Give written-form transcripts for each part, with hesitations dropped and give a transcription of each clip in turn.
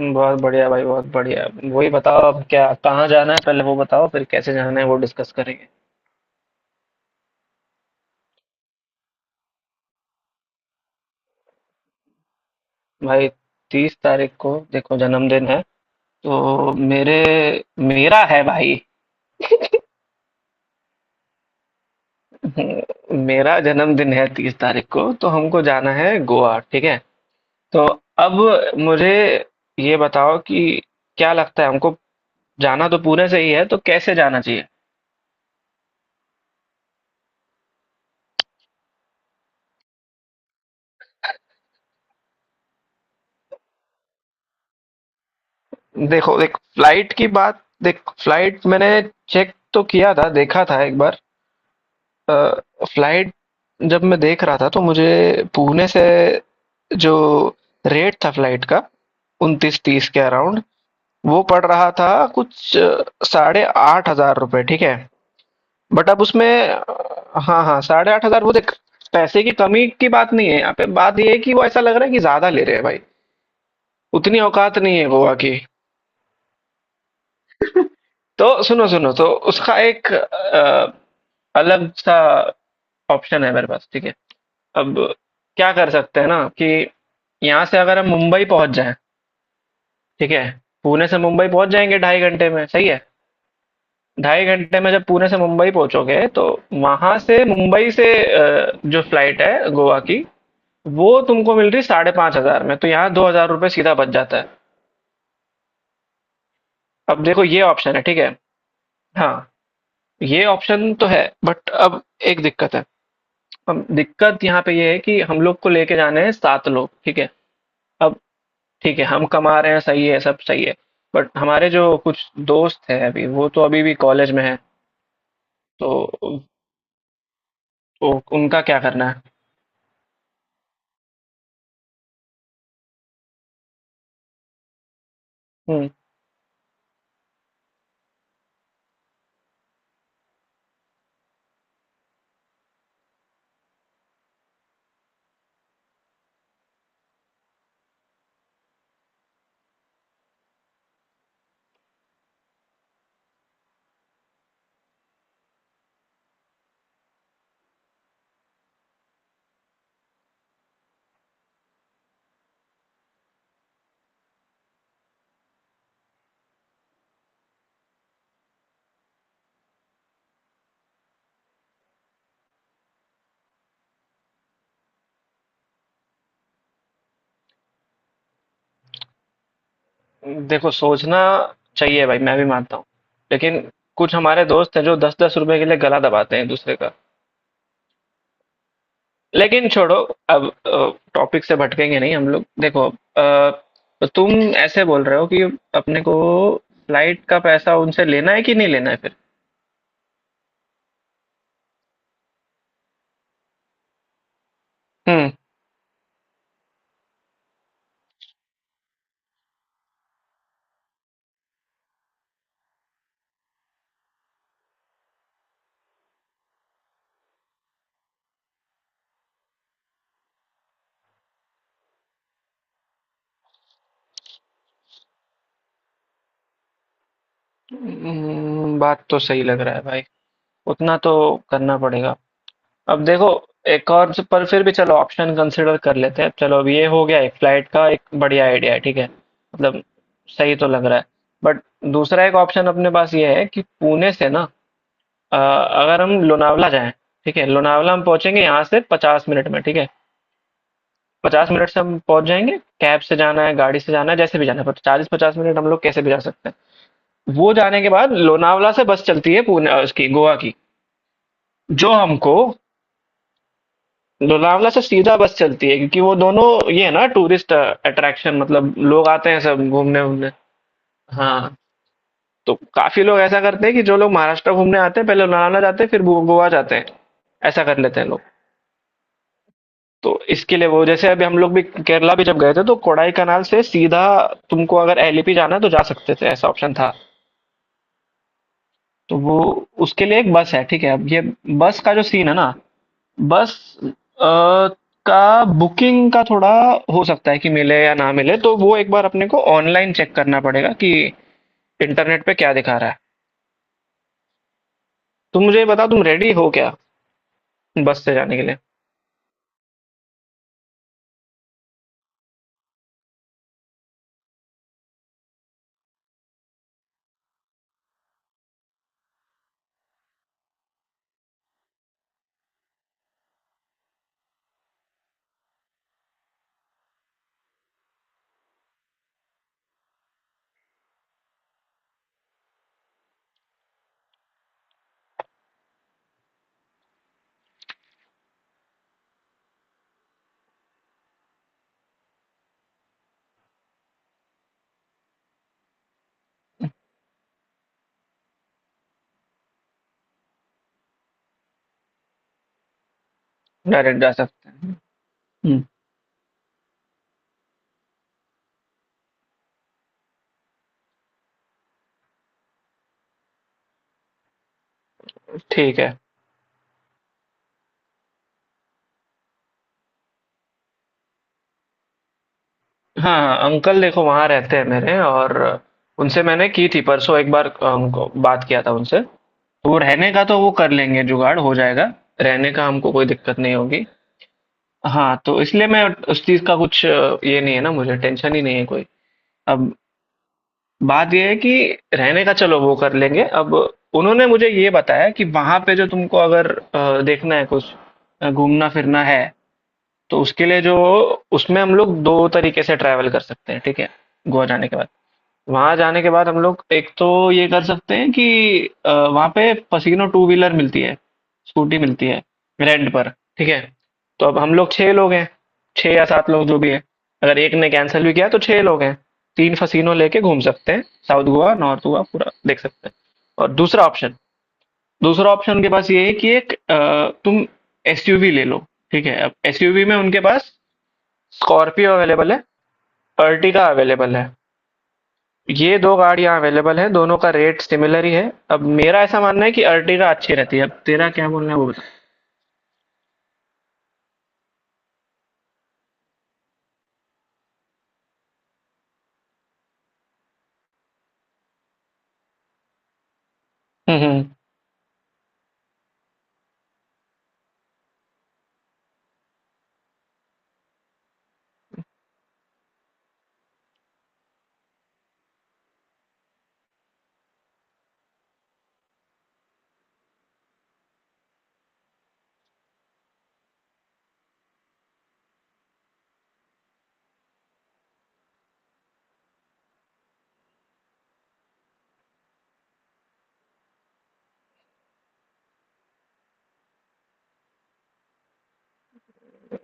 बहुत बढ़िया भाई, बहुत बढ़िया। वही बताओ अब क्या, कहाँ जाना है पहले वो बताओ, फिर कैसे जाना है वो डिस्कस करेंगे। भाई 30 तारीख को देखो जन्मदिन है। तो मेरे मेरा है भाई। मेरा जन्मदिन है 30 तारीख को, तो हमको जाना है गोवा, ठीक है। तो अब मुझे ये बताओ कि क्या लगता है हमको, जाना तो पुणे से ही है, तो कैसे जाना चाहिए। देखो, देख फ्लाइट मैंने चेक तो किया था, देखा था एक बार। अ, फ्लाइट, जब मैं देख रहा था तो मुझे पुणे से जो रेट था फ्लाइट का, 29-30 के अराउंड वो पड़ रहा था, कुछ ₹8,500, ठीक है। बट अब उसमें हाँ हाँ, 8,500 वो देख। पैसे की कमी की बात नहीं है, यहाँ पे बात ये है कि वो ऐसा लग रहा है कि ज्यादा ले रहे हैं भाई। उतनी औकात नहीं है गोवा की। तो सुनो सुनो तो उसका एक अलग सा ऑप्शन है मेरे पास, ठीक है। अब क्या कर सकते हैं ना कि यहाँ से अगर हम मुंबई पहुँच जाएँ, ठीक है? पुणे से मुंबई पहुँच जाएँगे 2.5 घंटे में, सही है? 2.5 घंटे में जब पुणे से मुंबई पहुँचोगे, तो वहाँ से मुंबई से जो फ्लाइट है गोवा की, वो तुमको मिल रही है 5,500 में, तो यहाँ ₹2,000 सीधा बच जाता है। अब देखो ये ऑप्शन है, ठीक है? हाँ, ये ऑप्शन तो है, बट अब एक दिक्कत है। अब दिक्कत यहाँ पे ये है कि हम लोग को लेके जाने हैं 7 लोग, ठीक है? अब ठीक है, हम कमा रहे हैं, सही है, सब सही है। बट हमारे जो कुछ दोस्त हैं अभी, वो तो अभी भी कॉलेज में हैं, तो उ, उ, उनका क्या करना है? हम्म, देखो सोचना चाहिए भाई, मैं भी मानता हूँ। लेकिन कुछ हमारे दोस्त हैं जो दस दस रुपए के लिए गला दबाते हैं एक दूसरे का। लेकिन छोड़ो, अब टॉपिक से भटकेंगे नहीं हम लोग। देखो तो तुम ऐसे बोल रहे हो कि अपने को फ्लाइट का पैसा उनसे लेना है कि नहीं लेना है फिर? हम्म बात तो सही लग रहा है भाई, उतना तो करना पड़ेगा। अब देखो, पर फिर भी चलो ऑप्शन कंसिडर कर लेते हैं। चलो अब ये हो गया, एक फ्लाइट का एक बढ़िया आइडिया है, ठीक है? मतलब सही तो लग रहा है। बट दूसरा एक ऑप्शन अपने पास ये है कि पुणे से ना, अ, अगर हम लोनावला जाएं, ठीक है? लोनावला हम पहुंचेंगे यहाँ से 50 मिनट में, ठीक है? 50 मिनट से हम पहुंच जाएंगे। कैब से जाना है, गाड़ी से जाना है, जैसे भी जाना है, पर 40-50 मिनट हम लोग कैसे भी जा सकते हैं। वो जाने के बाद लोनावला से बस चलती है पुणे उसकी गोवा की, जो हमको लोनावला से सीधा बस चलती है, क्योंकि वो दोनों ये है ना टूरिस्ट अट्रैक्शन, मतलब लोग आते हैं सब घूमने वूमने। हाँ, तो काफी लोग ऐसा करते हैं कि जो लोग महाराष्ट्र घूमने आते हैं पहले लोनावला जाते हैं, फिर गोवा जाते हैं। ऐसा कर लेते हैं लोग। तो इसके लिए वो, जैसे अभी हम लोग भी केरला भी जब गए थे, तो कोडाई कनाल से सीधा तुमको अगर एलिपी जाना है तो जा सकते थे, ऐसा ऑप्शन था। तो वो उसके लिए एक बस है, ठीक है। अब ये बस का जो सीन है ना, बस अ, का बुकिंग का थोड़ा हो सकता है कि मिले या ना मिले, तो वो एक बार अपने को ऑनलाइन चेक करना पड़ेगा कि इंटरनेट पे क्या दिखा रहा है। तुम मुझे ये बताओ तुम रेडी हो क्या बस से जाने के लिए? डायरेक्ट जा सकते हैं। हम्म, ठीक है। हाँ हाँ, अंकल देखो वहाँ रहते हैं मेरे, और उनसे मैंने की थी परसों एक बार, उनको बात किया था उनसे तो वो रहने का तो वो कर लेंगे, जुगाड़ हो जाएगा। रहने का हमको कोई दिक्कत नहीं होगी। हाँ, तो इसलिए मैं उस चीज का कुछ ये नहीं है ना, मुझे टेंशन ही नहीं है कोई। अब बात ये है कि रहने का चलो वो कर लेंगे, अब उन्होंने मुझे ये बताया कि वहां पे जो तुमको अगर देखना है कुछ घूमना फिरना है, तो उसके लिए जो उसमें हम लोग दो तरीके से ट्रैवल कर सकते हैं, ठीक है। गोवा जाने के बाद, वहाँ जाने के बाद हम लोग एक तो ये कर सकते हैं कि वहाँ पे पसीनो टू व्हीलर मिलती है, स्कूटी मिलती है रेंट पर, ठीक है? तो अब हम लोग 6 लोग हैं, 6 या 7 लोग जो भी हैं। अगर एक ने कैंसिल भी किया तो 6 लोग हैं। 3 फसीनो लेके घूम सकते हैं, साउथ गोवा, नॉर्थ गोवा पूरा देख सकते हैं। और दूसरा ऑप्शन उनके पास ये है कि एक तुम एसयूवी ले लो, ठीक है? अब एसयूवी में उनके पास स्कॉर्पियो अवेलेबल है, अर्टिगा अवेलेबल है, ये 2 गाड़ियाँ अवेलेबल हैं, दोनों का रेट सिमिलर ही है। अब मेरा ऐसा मानना है कि अर्टिगा अच्छी रहती है, अब तेरा क्या बोलना है वो बता। हुँ, हुँ।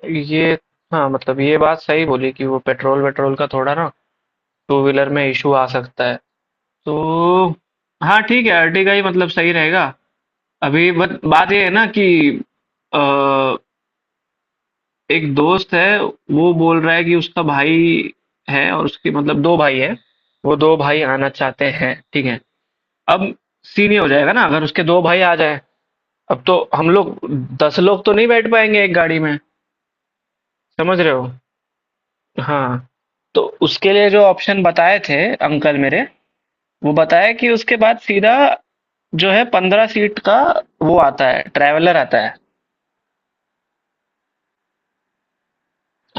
ये हाँ, मतलब ये बात सही बोली कि वो पेट्रोल-वेट्रोल का थोड़ा ना टू व्हीलर में इश्यू आ सकता है। तो हाँ, ठीक है, अर्टिगा ही मतलब सही रहेगा। अभी बट बात ये है ना कि अ, एक दोस्त है, वो बोल रहा है कि उसका भाई है, और उसके मतलब 2 भाई हैं, वो 2 भाई आना चाहते हैं, ठीक है। अब सीन ये हो जाएगा ना अगर उसके दो भाई आ जाए, अब तो हम लोग 10 लोग तो नहीं बैठ पाएंगे एक गाड़ी में, समझ रहे हो? हाँ, तो उसके लिए जो ऑप्शन बताए थे अंकल मेरे, वो बताया कि उसके बाद सीधा जो है 15 सीट का, वो आता है ट्रैवलर आता है।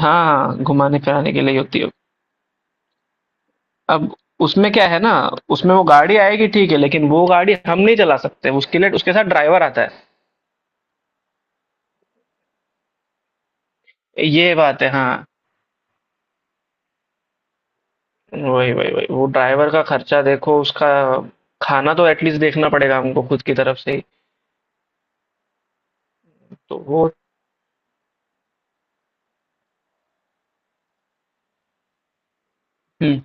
हाँ, घुमाने फिराने के लिए होती है। अब उसमें क्या है ना, उसमें वो गाड़ी आएगी ठीक है, लेकिन वो गाड़ी हम नहीं चला सकते, उसके लिए उसके साथ ड्राइवर आता है। ये बात है हाँ। वही वही वही वो ड्राइवर का खर्चा देखो, उसका खाना तो एटलीस्ट देखना पड़ेगा हमको खुद की तरफ से ही। तो वो, हम्म,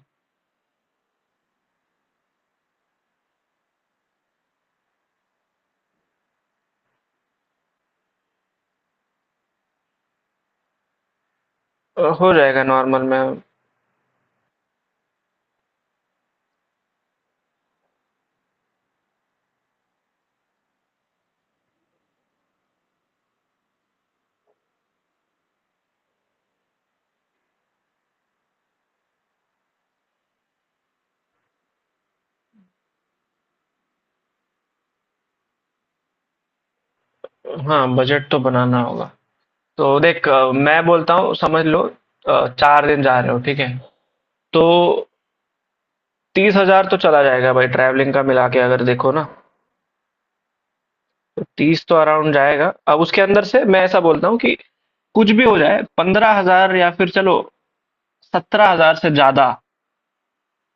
हो जाएगा नॉर्मल में। हाँ, बजट तो बनाना होगा। तो देख, मैं बोलता हूँ समझ लो, 4 दिन जा रहे हो, ठीक है। तो 30,000 तो चला जाएगा भाई, ट्रैवलिंग का मिला के अगर देखो ना, तो तीस तो अराउंड जाएगा। अब उसके अंदर से मैं ऐसा बोलता हूँ कि कुछ भी हो जाए 15,000 या फिर चलो 17,000 से ज्यादा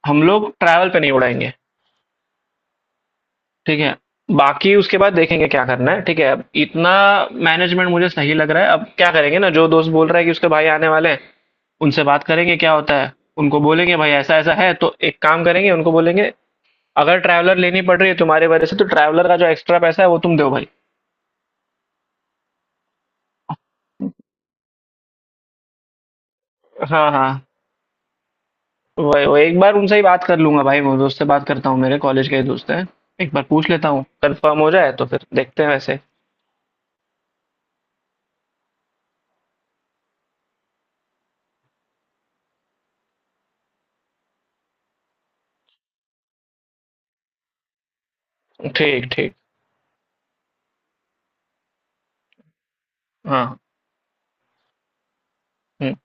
हम लोग ट्रैवल पे नहीं उड़ाएंगे, ठीक है? बाकी उसके बाद देखेंगे क्या करना है, ठीक है? अब इतना मैनेजमेंट मुझे सही लग रहा है, अब क्या करेंगे ना, जो दोस्त बोल रहा है कि उसके भाई आने वाले हैं, उनसे बात करेंगे क्या होता है, उनको बोलेंगे भाई ऐसा-ऐसा है, तो एक काम करेंगे उनको बोलेंगे अगर ट्रैवलर लेनी पड़ रही है तुम्हारे वजह से तो ट्रैवलर का जो एक्स्ट्रा पैसा है वो तुम दो भाई। हाँ, हाँ। वही, वही एक बार उनसे ही बात कर लूँगा भाई, वो दोस्त से बात करता हूँ, मेरे कॉलेज के ही दोस्त हैं। एक बार पूछ लेता हूँ, कन्फर्म हो जाए तो फिर देखते हैं वैसे। ठीक, ठीक। हाँ। हुँ।